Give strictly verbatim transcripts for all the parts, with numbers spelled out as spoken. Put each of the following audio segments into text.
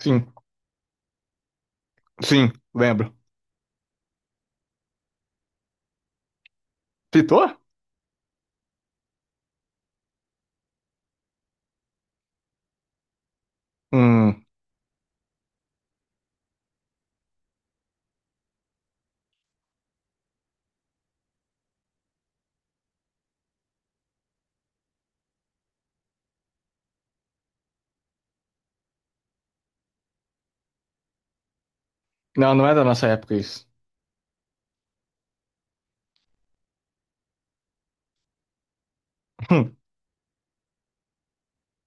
Sim, sim, lembro. Pitou. Hum, Não, não é da nossa época isso. Hum,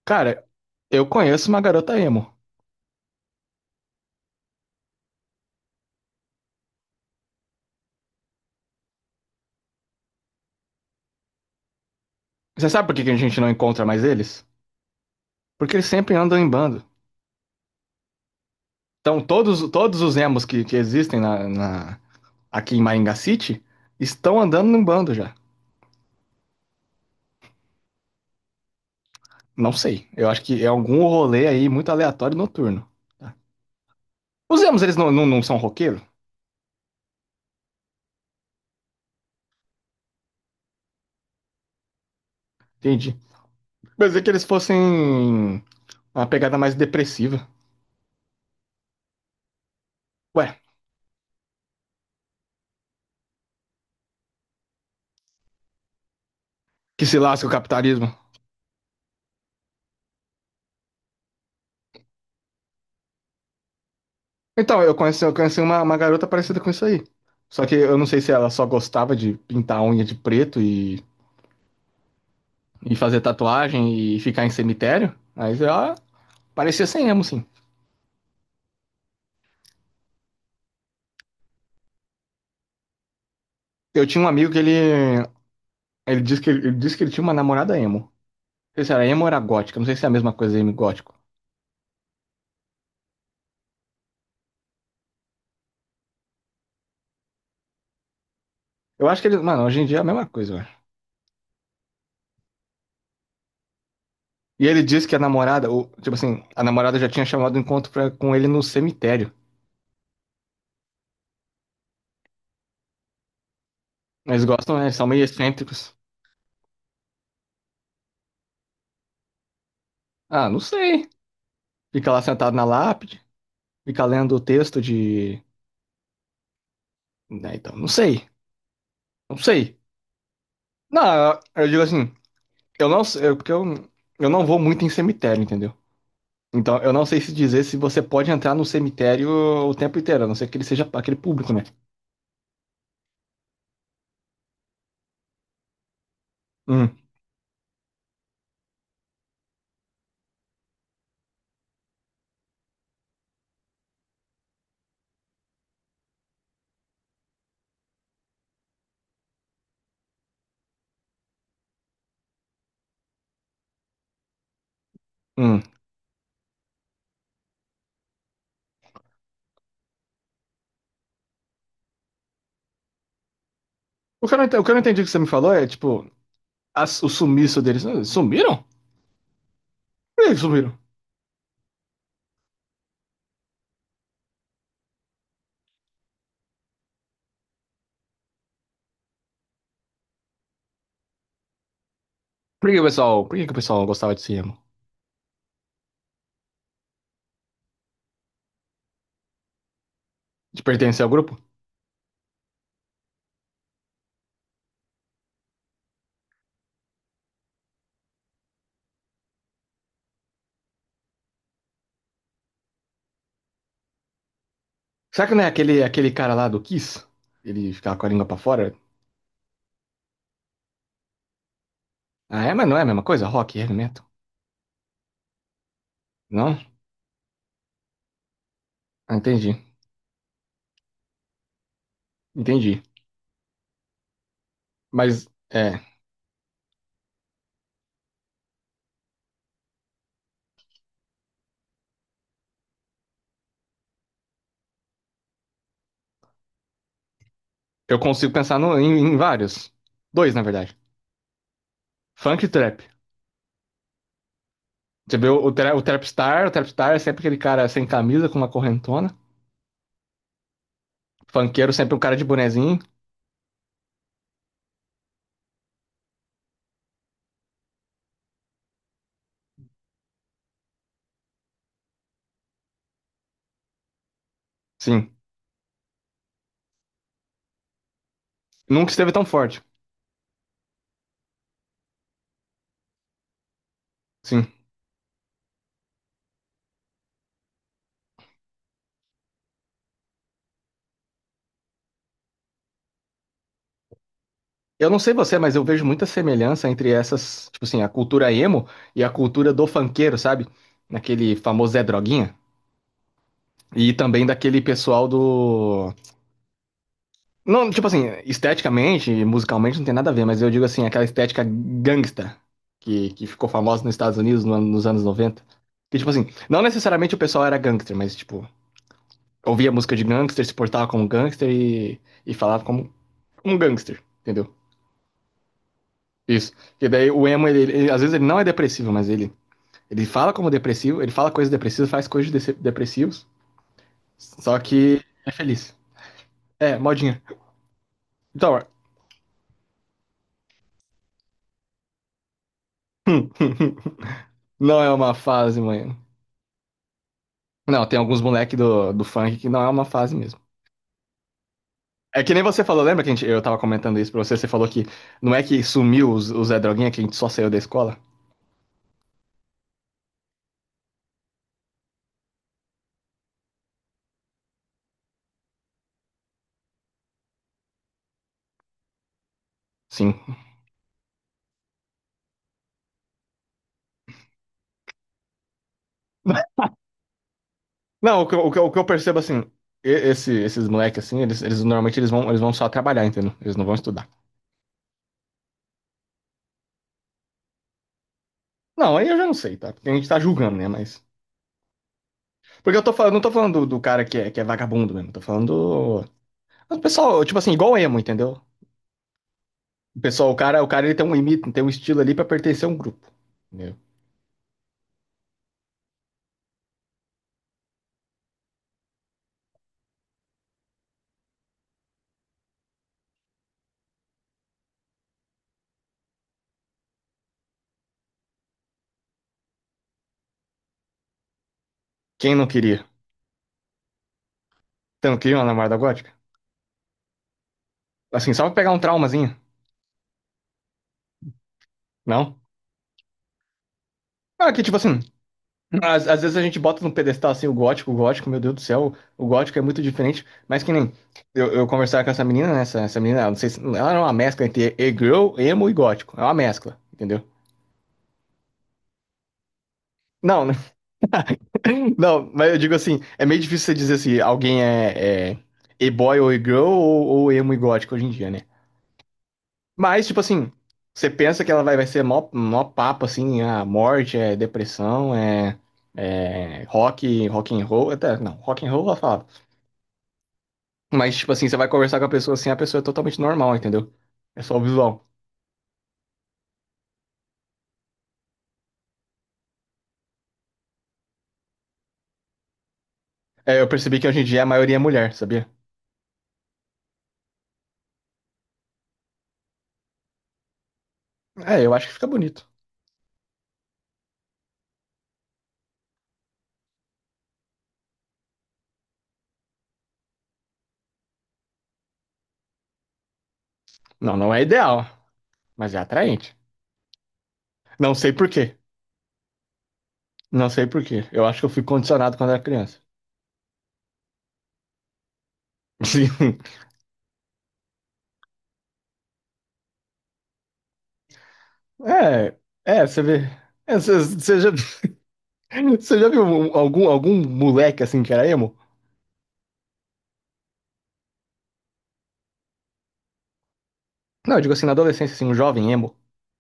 Cara, eu conheço uma garota emo. Você sabe por que que a gente não encontra mais eles? Porque eles sempre andam em bando. Então, todos, todos os emos que, que existem na, na- aqui em Maringá City estão andando em bando já. Não sei. Eu acho que é algum rolê aí muito aleatório noturno. Tá? Os emos, eles não, não, não são roqueiros? Entendi. Mas é que eles fossem uma pegada mais depressiva. Ué, que se lasca o capitalismo. Então, eu conheci, eu conheci uma, uma garota parecida com isso aí. Só que eu não sei se ela só gostava de pintar a unha de preto e, e fazer tatuagem e ficar em cemitério, mas ela parecia sem emo, sim. Eu tinha um amigo que ele, ele disse que ele, ele disse que ele tinha uma namorada emo. Não sei se era emo ou era gótica, não sei se é a mesma coisa emo e gótico. Eu acho que ele, mano, hoje em dia é a mesma coisa, eu acho. E ele disse que a namorada, o- tipo assim, a namorada já tinha chamado o encontro pra- com ele no cemitério. Eles gostam, né? Eles são meio excêntricos. Ah, não sei. Fica lá sentado na lápide. Ficar lendo o texto de. Né, então, não sei. Não sei. Não, eu digo assim, eu não sei, eu- porque eu, eu não vou muito em cemitério, entendeu? Então, eu não sei se dizer se você pode entrar no cemitério o tempo inteiro, a não ser que ele seja aquele público, né? Hum, hum. O que eu não, ente- o que eu não entendi que você me falou é, tipo, as- o sumiço deles. Ah, sumiram? Por que que sumiram? Por que, que o pessoal, por que que o pessoal gostava de ser emo? De pertencer ao grupo? Será que não é aquele, aquele cara lá do Kiss? Ele ficava com a língua pra fora? Ah, é, mas não é a mesma coisa? Rock e heavy metal? Não? Ah, entendi, entendi. Mas é, eu consigo pensar no- em, em vários. Dois, na verdade. Funk e trap. Você vê o, o, tra- o Trapstar, o Trapstar é sempre aquele cara sem camisa, com uma correntona. Funkeiro sempre um cara de bonezinho. Sim. Nunca esteve tão forte. Sim. Eu não sei você, mas eu vejo muita semelhança entre essas, tipo assim, a cultura emo e a cultura do funkeiro, sabe? Naquele famoso Zé Droguinha. E também daquele pessoal do. Não, tipo assim, esteticamente, musicalmente não tem nada a ver, mas eu digo assim, aquela estética gangsta que, que ficou famosa nos Estados Unidos no ano- nos anos noventa. Que, tipo assim, não necessariamente o pessoal era gangster, mas, tipo, ouvia música de gangster, se portava como gangster e, e falava como um gangster, entendeu? Isso. Porque daí o emo, ele, ele- às vezes ele não é depressivo, mas ele, ele fala como depressivo, ele fala coisas depressivas, faz coisas dece- depressivos, só que é feliz. É, modinha. Então, não é uma fase, mãe. Não, tem alguns moleque do, do funk que não é uma fase mesmo. É que nem você falou, lembra que a gente, eu tava comentando isso pra você? Você falou que não é que sumiu os, os Zé Droguinha, que a gente só saiu da escola? Sim. Não, o que, eu- o que, eu- o que eu percebo assim, e- esse, esses moleques assim, eles, eles normalmente eles vão, eles vão só trabalhar, entendeu? Eles não vão estudar. Não, aí eu já não sei, tá? Porque a gente tá julgando, né? Mas. Porque eu tô falando, não tô falando do, do cara que é, que é vagabundo mesmo, tô falando do. Do pessoal, tipo assim, igual emo, entendeu? O pessoal, o cara, o cara ele tem um limite, tem um estilo ali pra pertencer a um grupo. Entendeu? Quem não queria? Você não queria uma namorada gótica? Assim, só pra pegar um traumazinho. Não? Ah, que tipo assim, às, às vezes a gente bota no pedestal assim o gótico, o gótico, meu Deus do céu, o gótico é muito diferente, mas que nem eu, eu conversava com essa menina, né? Essa, essa menina, ela não sei se ela era uma mescla entre e-girl, emo e gótico. É uma mescla, entendeu? Não, né? Não, mas eu digo assim, é meio difícil você dizer se alguém é, é e-boy ou e-girl ou, ou emo e gótico hoje em dia, né? Mas, tipo assim, você pensa que ela vai, vai ser mó, mó papo, assim, a morte, é depressão, é, é rock, rock and roll, até, não, rock and roll ela fala. Mas, tipo assim, você vai conversar com a pessoa assim, a pessoa é totalmente normal, entendeu? É só o visual. É, eu percebi que hoje em dia a maioria é mulher, sabia? É, eu acho que fica bonito. Não, não é ideal, mas é atraente. Não sei por quê. Não sei por quê. Eu acho que eu fui condicionado quando era criança. Sim. É, é, você vê. É, Você você já Você já viu um- algum, algum moleque assim que era emo? Não, eu digo assim, na adolescência, assim, um jovem emo.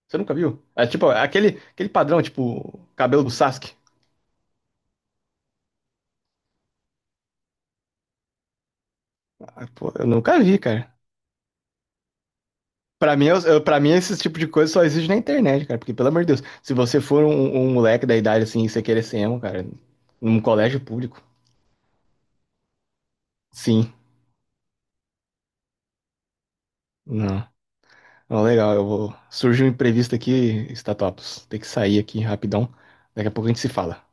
Você nunca viu? É tipo, aquele, aquele padrão, tipo, cabelo do Sasuke. Ah, pô, eu nunca vi, cara. Pra mim, eu, eu- pra mim, esse tipo de coisa só existe na internet, cara. Porque, pelo amor de Deus, se você for um, um moleque da idade assim e você querer ser emo, cara, num colégio público, sim. Não. Não, legal, eu vou. Surge um imprevisto aqui, Statopos. Tem que sair aqui rapidão. Daqui a pouco a gente se fala.